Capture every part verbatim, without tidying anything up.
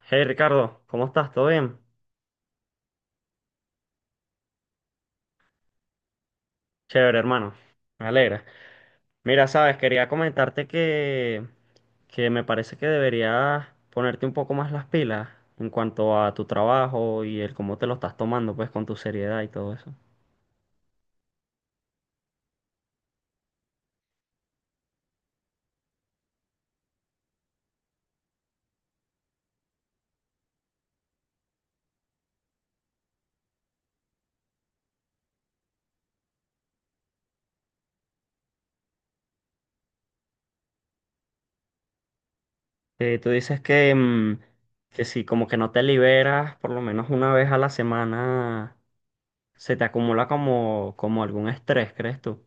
Hey Ricardo, ¿cómo estás? ¿Todo bien? Chévere, hermano. Me alegra. Mira, sabes, quería comentarte que, que me parece que deberías ponerte un poco más las pilas en cuanto a tu trabajo y el cómo te lo estás tomando, pues, con tu seriedad y todo eso. Eh, tú dices que, mm, que si como que no te liberas por lo menos una vez a la semana, se te acumula como, como algún estrés, ¿crees tú?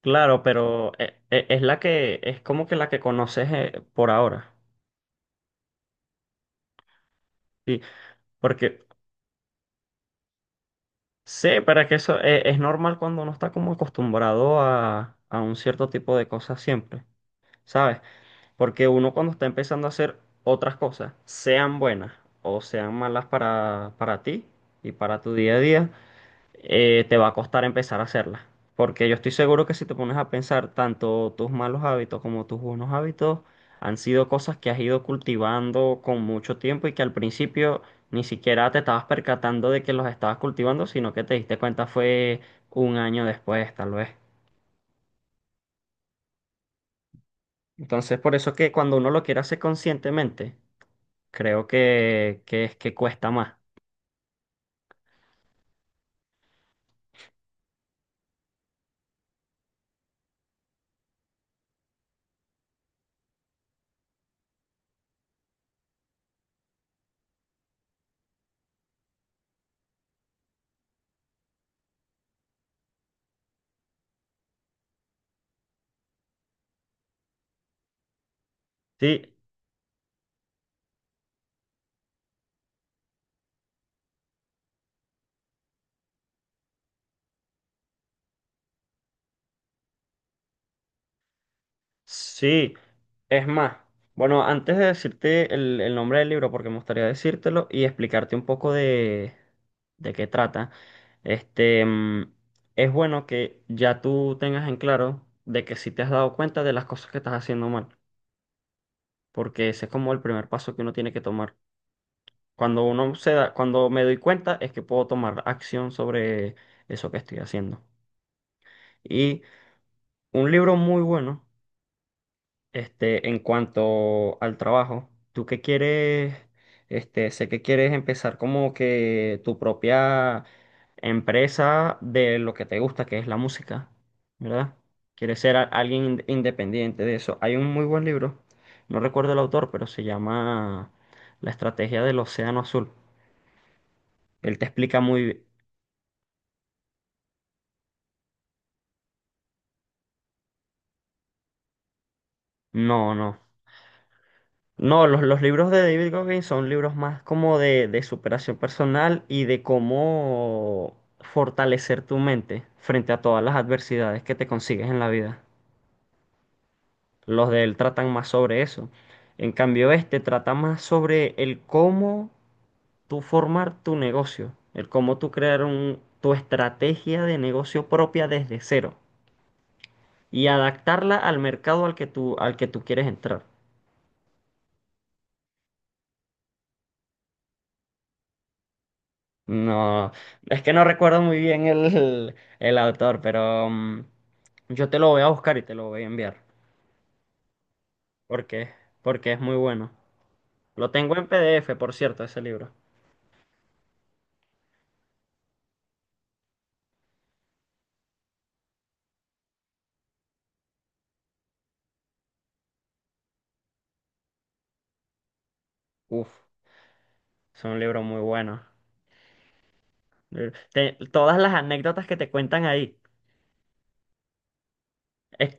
Claro, pero eh, eh, es la que, es como que la que conoces, eh, por ahora. Sí, porque... Sí, pero es que eso e- es normal cuando uno está como acostumbrado a, a un cierto tipo de cosas siempre, ¿sabes? Porque uno, cuando está empezando a hacer otras cosas, sean buenas o sean malas para, para ti y para tu día a día, eh, te va a costar empezar a hacerla. Porque yo estoy seguro que, si te pones a pensar, tanto tus malos hábitos como tus buenos hábitos han sido cosas que has ido cultivando con mucho tiempo, y que al principio ni siquiera te estabas percatando de que los estabas cultivando, sino que te diste cuenta fue un año después, tal vez. Entonces, por eso que cuando uno lo quiere hacer conscientemente, creo que, que es que cuesta más. Sí, sí, es más, bueno, antes de decirte el, el nombre del libro, porque me gustaría decírtelo y explicarte un poco de, de qué trata, este, mm, es bueno que ya tú tengas en claro de que si te has dado cuenta de las cosas que estás haciendo mal, porque ese es como el primer paso que uno tiene que tomar. Cuando uno se da, cuando me doy cuenta, es que puedo tomar acción sobre eso que estoy haciendo. Y un libro muy bueno. Este, en cuanto al trabajo, tú que quieres, este, sé que quieres empezar como que tu propia empresa de lo que te gusta, que es la música, ¿verdad? Quieres ser a- alguien in- independiente de eso. Hay un muy buen libro, no recuerdo el autor, pero se llama La estrategia del océano azul. Él te explica muy bien. No, no. No, los, los libros de David Goggins son libros más como de, de superación personal y de cómo fortalecer tu mente frente a todas las adversidades que te consigues en la vida. Los de él tratan más sobre eso. En cambio, este trata más sobre el cómo tú formar tu negocio, el cómo tú crear un, tu estrategia de negocio propia desde cero y adaptarla al mercado al que tú, al que tú quieres entrar. No, es que no recuerdo muy bien el, el autor, pero mm, yo te lo voy a buscar y te lo voy a enviar, porque, porque es muy bueno. Lo tengo en P D F, por cierto, ese libro. Uf, es un libro muy bueno. Te- todas las anécdotas que te cuentan ahí. Es...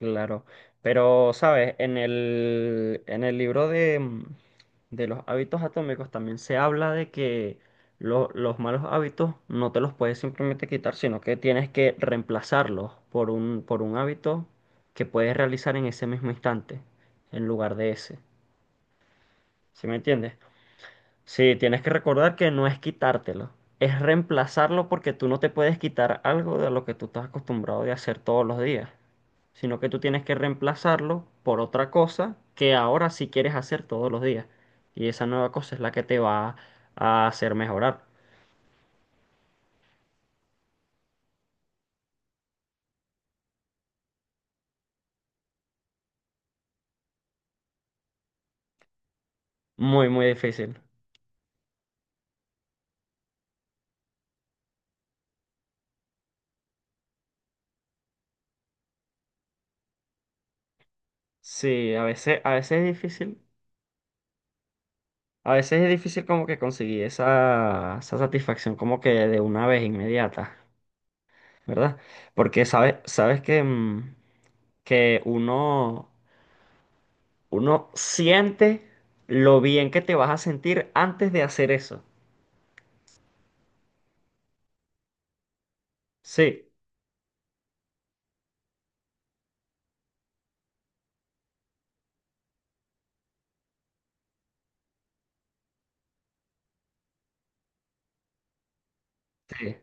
Claro, pero sabes, en el, en el libro de, mm, de los hábitos atómicos también se habla de que lo- los malos hábitos no te los puedes simplemente quitar, sino que tienes que reemplazarlos por un, por un hábito que puedes realizar en ese mismo instante, en lugar de ese. ¿Sí me entiendes? Sí, tienes que recordar que no es quitártelo, es reemplazarlo, porque tú no te puedes quitar algo de lo que tú estás acostumbrado de hacer todos los días, sino que tú tienes que reemplazarlo por otra cosa que ahora sí quieres hacer todos los días. Y esa nueva cosa es la que te va a hacer mejorar. Muy, muy difícil. Sí, a veces, a veces es difícil. A veces es difícil como que conseguir esa, esa satisfacción como que de una vez inmediata, ¿verdad? Porque sabes, sabes que... mm, que uno, uno siente lo bien que te vas a sentir antes de hacer eso. Sí, sí,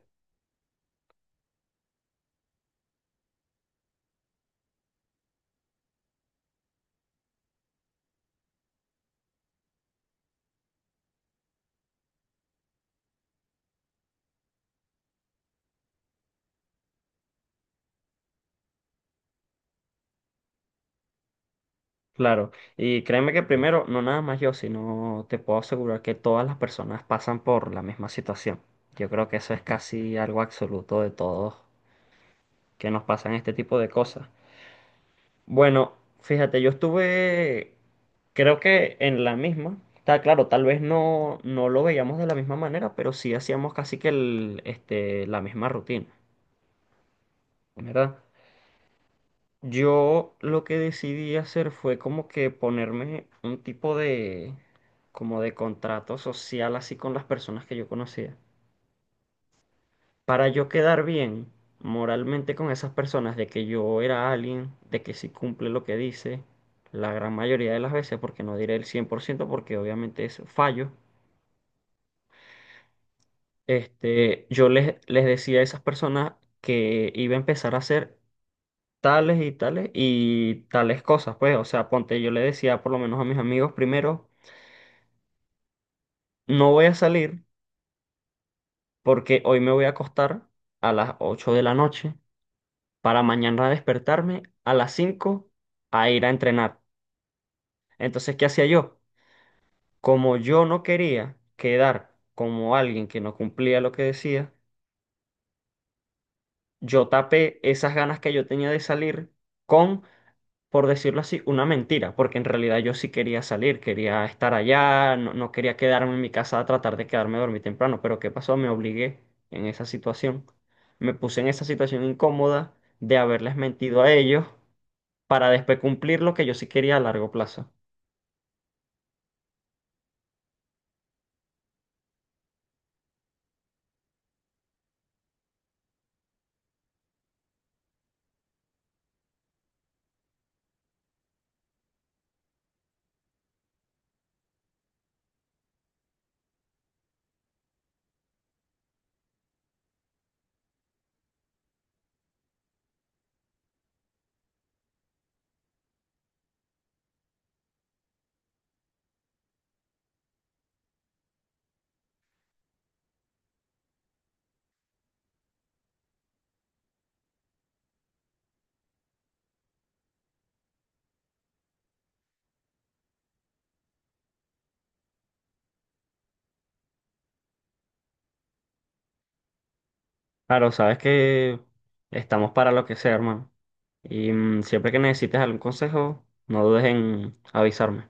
claro. Y créeme que, primero, no nada más yo, sino te puedo asegurar que todas las personas pasan por la misma situación. Yo creo que eso es casi algo absoluto de todos, que nos pasan este tipo de cosas. Bueno, fíjate, yo estuve, creo que en la misma. Está claro, tal vez no, no lo veíamos de la misma manera, pero sí hacíamos casi que el, este, la misma rutina, ¿verdad? Yo lo que decidí hacer fue como que ponerme un tipo de, como de contrato social así con las personas que yo conocía, para yo quedar bien moralmente con esas personas, de que yo era alguien de que sí cumple lo que dice la gran mayoría de las veces, porque no diré el cien por ciento, porque obviamente es fallo. Este, yo les, les decía a esas personas que iba a empezar a hacer tales y tales y tales cosas, pues, o sea, ponte, yo le decía por lo menos a mis amigos primero: no voy a salir porque hoy me voy a acostar a las ocho de la noche para mañana despertarme a las cinco a ir a entrenar. Entonces, ¿qué hacía yo? Como yo no quería quedar como alguien que no cumplía lo que decía, yo tapé esas ganas que yo tenía de salir con, por decirlo así, una mentira, porque en realidad yo sí quería salir, quería estar allá, no, no quería quedarme en mi casa a tratar de quedarme a dormir temprano, pero ¿qué pasó? Me obligué en esa situación, me puse en esa situación incómoda de haberles mentido a ellos para después cumplir lo que yo sí quería a largo plazo. Claro, sabes que estamos para lo que sea, hermano. Y mm, siempre que necesites algún consejo, no dudes en avisarme.